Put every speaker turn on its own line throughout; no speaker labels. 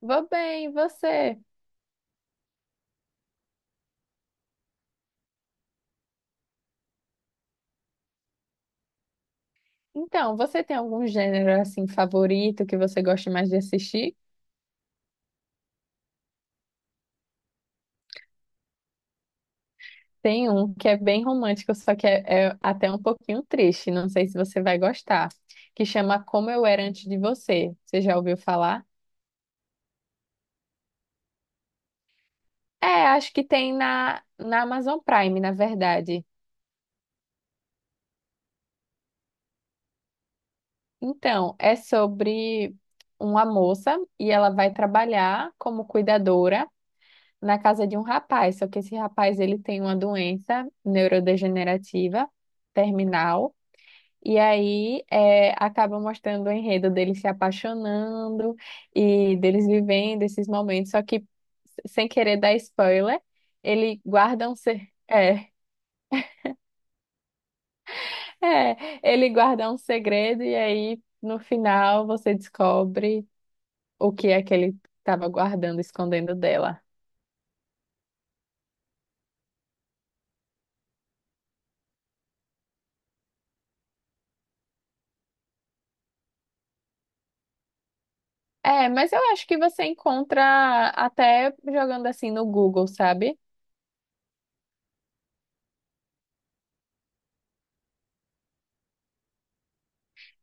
Vou bem, e você? Então, você tem algum gênero assim favorito que você gosta mais de assistir? Tem um que é bem romântico, só que é até um pouquinho triste. Não sei se você vai gostar, que chama Como Eu Era Antes de Você. Você já ouviu falar? É, acho que tem na Amazon Prime, na verdade. Então, é sobre uma moça e ela vai trabalhar como cuidadora na casa de um rapaz, só que esse rapaz ele tem uma doença neurodegenerativa terminal. E aí acaba mostrando o enredo deles se apaixonando e deles vivendo esses momentos. Só que, sem querer dar spoiler, ele guarda um, ele guarda um segredo e aí no final você descobre o que é que ele estava guardando, escondendo dela. É, mas eu acho que você encontra até jogando assim no Google, sabe?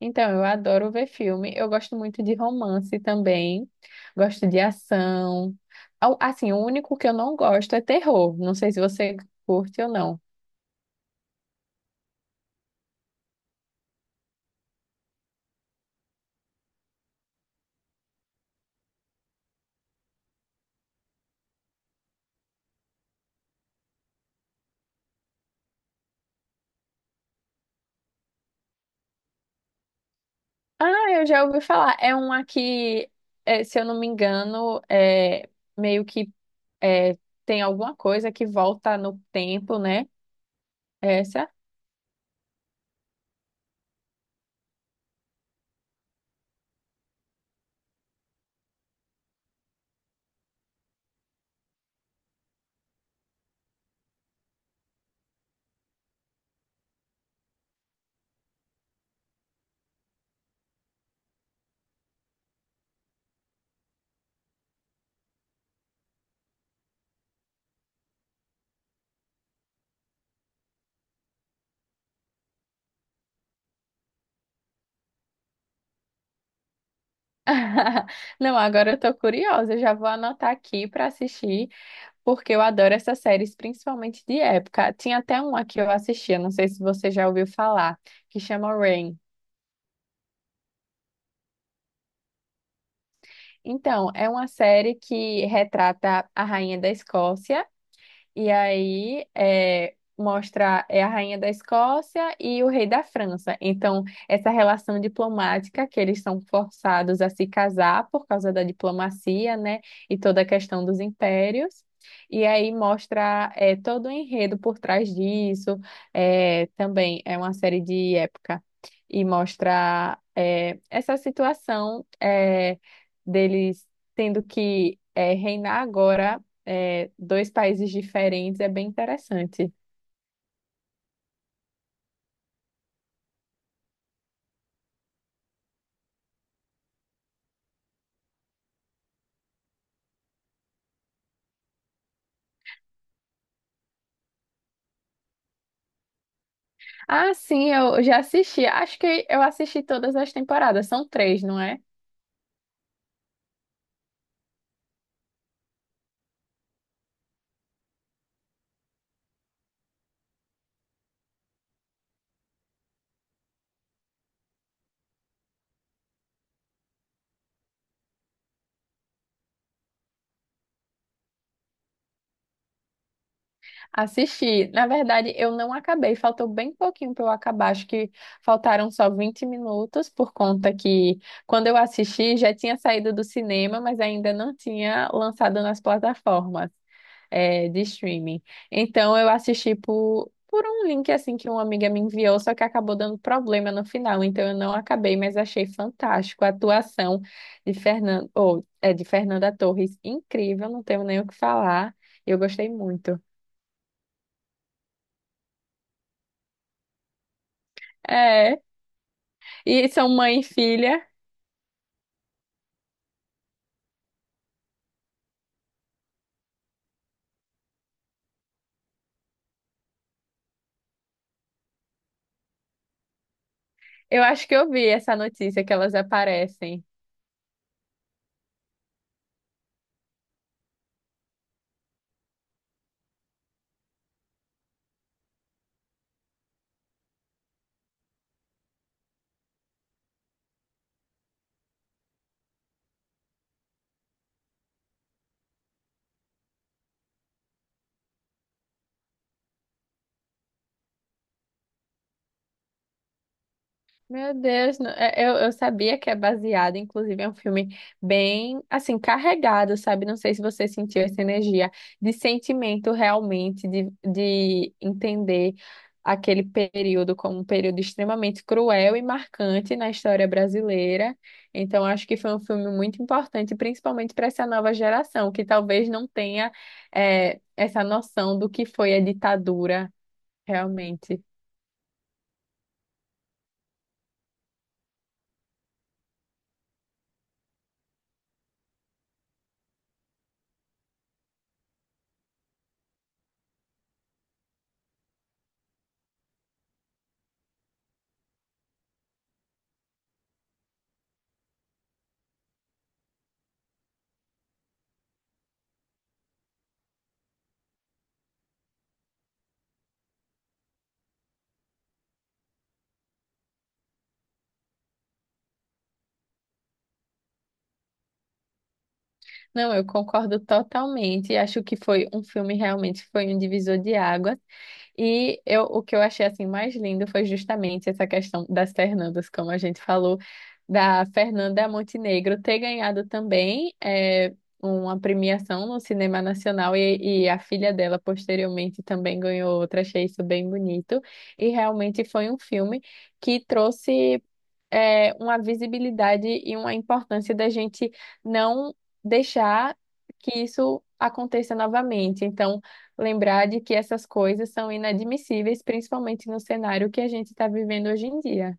Então, eu adoro ver filme. Eu gosto muito de romance também. Gosto de ação. Assim, o único que eu não gosto é terror. Não sei se você curte ou não. Ah, eu já ouvi falar. É um aqui, é, se eu não me engano, é meio que é, tem alguma coisa que volta no tempo, né? Essa. Não, agora eu tô curiosa. Eu já vou anotar aqui para assistir, porque eu adoro essas séries, principalmente de época. Tinha até uma que eu assistia, não sei se você já ouviu falar, que chama Rain. Então, é uma série que retrata a rainha da Escócia. E aí mostra a rainha da Escócia e o rei da França. Então, essa relação diplomática, que eles são forçados a se casar por causa da diplomacia, né? E toda a questão dos impérios. E aí mostra todo o enredo por trás disso. É, também é uma série de época. E mostra essa situação, deles tendo que reinar agora dois países diferentes. É bem interessante. Ah, sim, eu já assisti. Acho que eu assisti todas as temporadas. São três, não é? Assisti. Na verdade, eu não acabei, faltou bem pouquinho para eu acabar. Acho que faltaram só 20 minutos, por conta que quando eu assisti já tinha saído do cinema, mas ainda não tinha lançado nas plataformas, de streaming. Então eu assisti por um link assim que uma amiga me enviou, só que acabou dando problema no final, então eu não acabei, mas achei fantástico a atuação de Fernando, ou, é, de Fernanda Torres. Incrível, não tenho nem o que falar. Eu gostei muito. É, e são mãe e filha. Eu acho que eu vi essa notícia que elas aparecem. Meu Deus, eu sabia que é baseado, inclusive é um filme bem, assim, carregado, sabe? Não sei se você sentiu essa energia de sentimento realmente, de entender aquele período como um período extremamente cruel e marcante na história brasileira. Então, acho que foi um filme muito importante, principalmente para essa nova geração, que talvez não tenha, essa noção do que foi a ditadura realmente. Não, eu concordo totalmente. Acho que foi um filme, realmente foi um divisor de águas. E eu, o que eu achei assim mais lindo foi justamente essa questão das Fernandas, como a gente falou, da Fernanda Montenegro ter ganhado também uma premiação no cinema nacional, e a filha dela posteriormente também ganhou outra. Achei isso bem bonito. E realmente foi um filme que trouxe uma visibilidade e uma importância da gente não deixar que isso aconteça novamente. Então, lembrar de que essas coisas são inadmissíveis, principalmente no cenário que a gente está vivendo hoje em dia.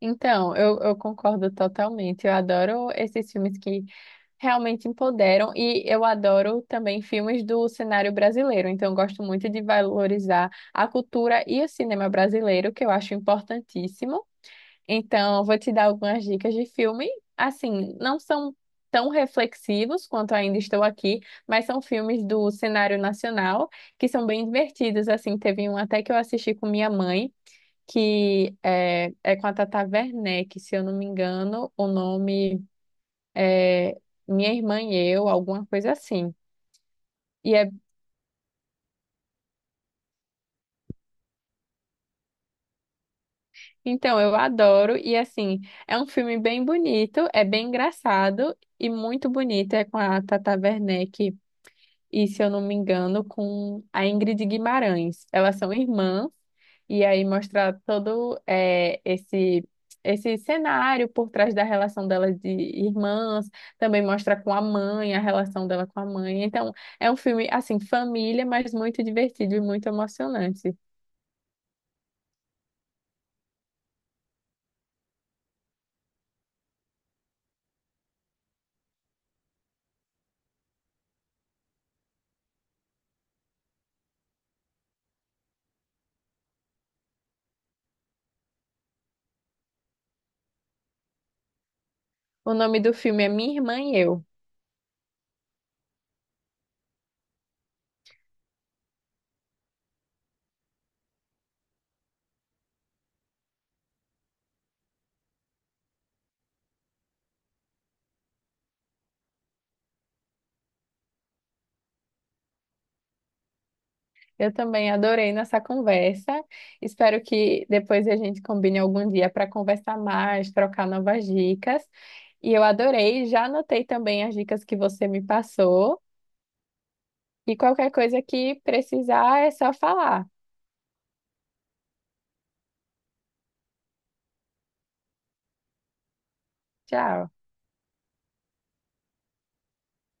Então, eu concordo totalmente. Eu adoro esses filmes que realmente empoderam, e eu adoro também filmes do cenário brasileiro. Então, eu gosto muito de valorizar a cultura e o cinema brasileiro, que eu acho importantíssimo. Então, eu vou te dar algumas dicas de filme. Assim, não são tão reflexivos quanto Ainda Estou Aqui, mas são filmes do cenário nacional que são bem divertidos. Assim, teve um até que eu assisti com minha mãe, que é com a Tata Werneck, se eu não me engano, o nome é Minha Irmã e Eu, alguma coisa assim. E é, então, eu adoro, e assim, é um filme bem bonito, é bem engraçado e muito bonito. É com a Tata Werneck, e, se eu não me engano, com a Ingrid Guimarães. Elas são irmãs, e aí mostra todo esse cenário por trás da relação delas de irmãs, também mostra com a mãe, a relação dela com a mãe. Então, é um filme, assim, família, mas muito divertido e muito emocionante. O nome do filme é Minha Irmã e Eu. Eu também adorei nossa conversa. Espero que depois a gente combine algum dia para conversar mais, trocar novas dicas. E eu adorei, já anotei também as dicas que você me passou. E qualquer coisa que precisar é só falar. Tchau.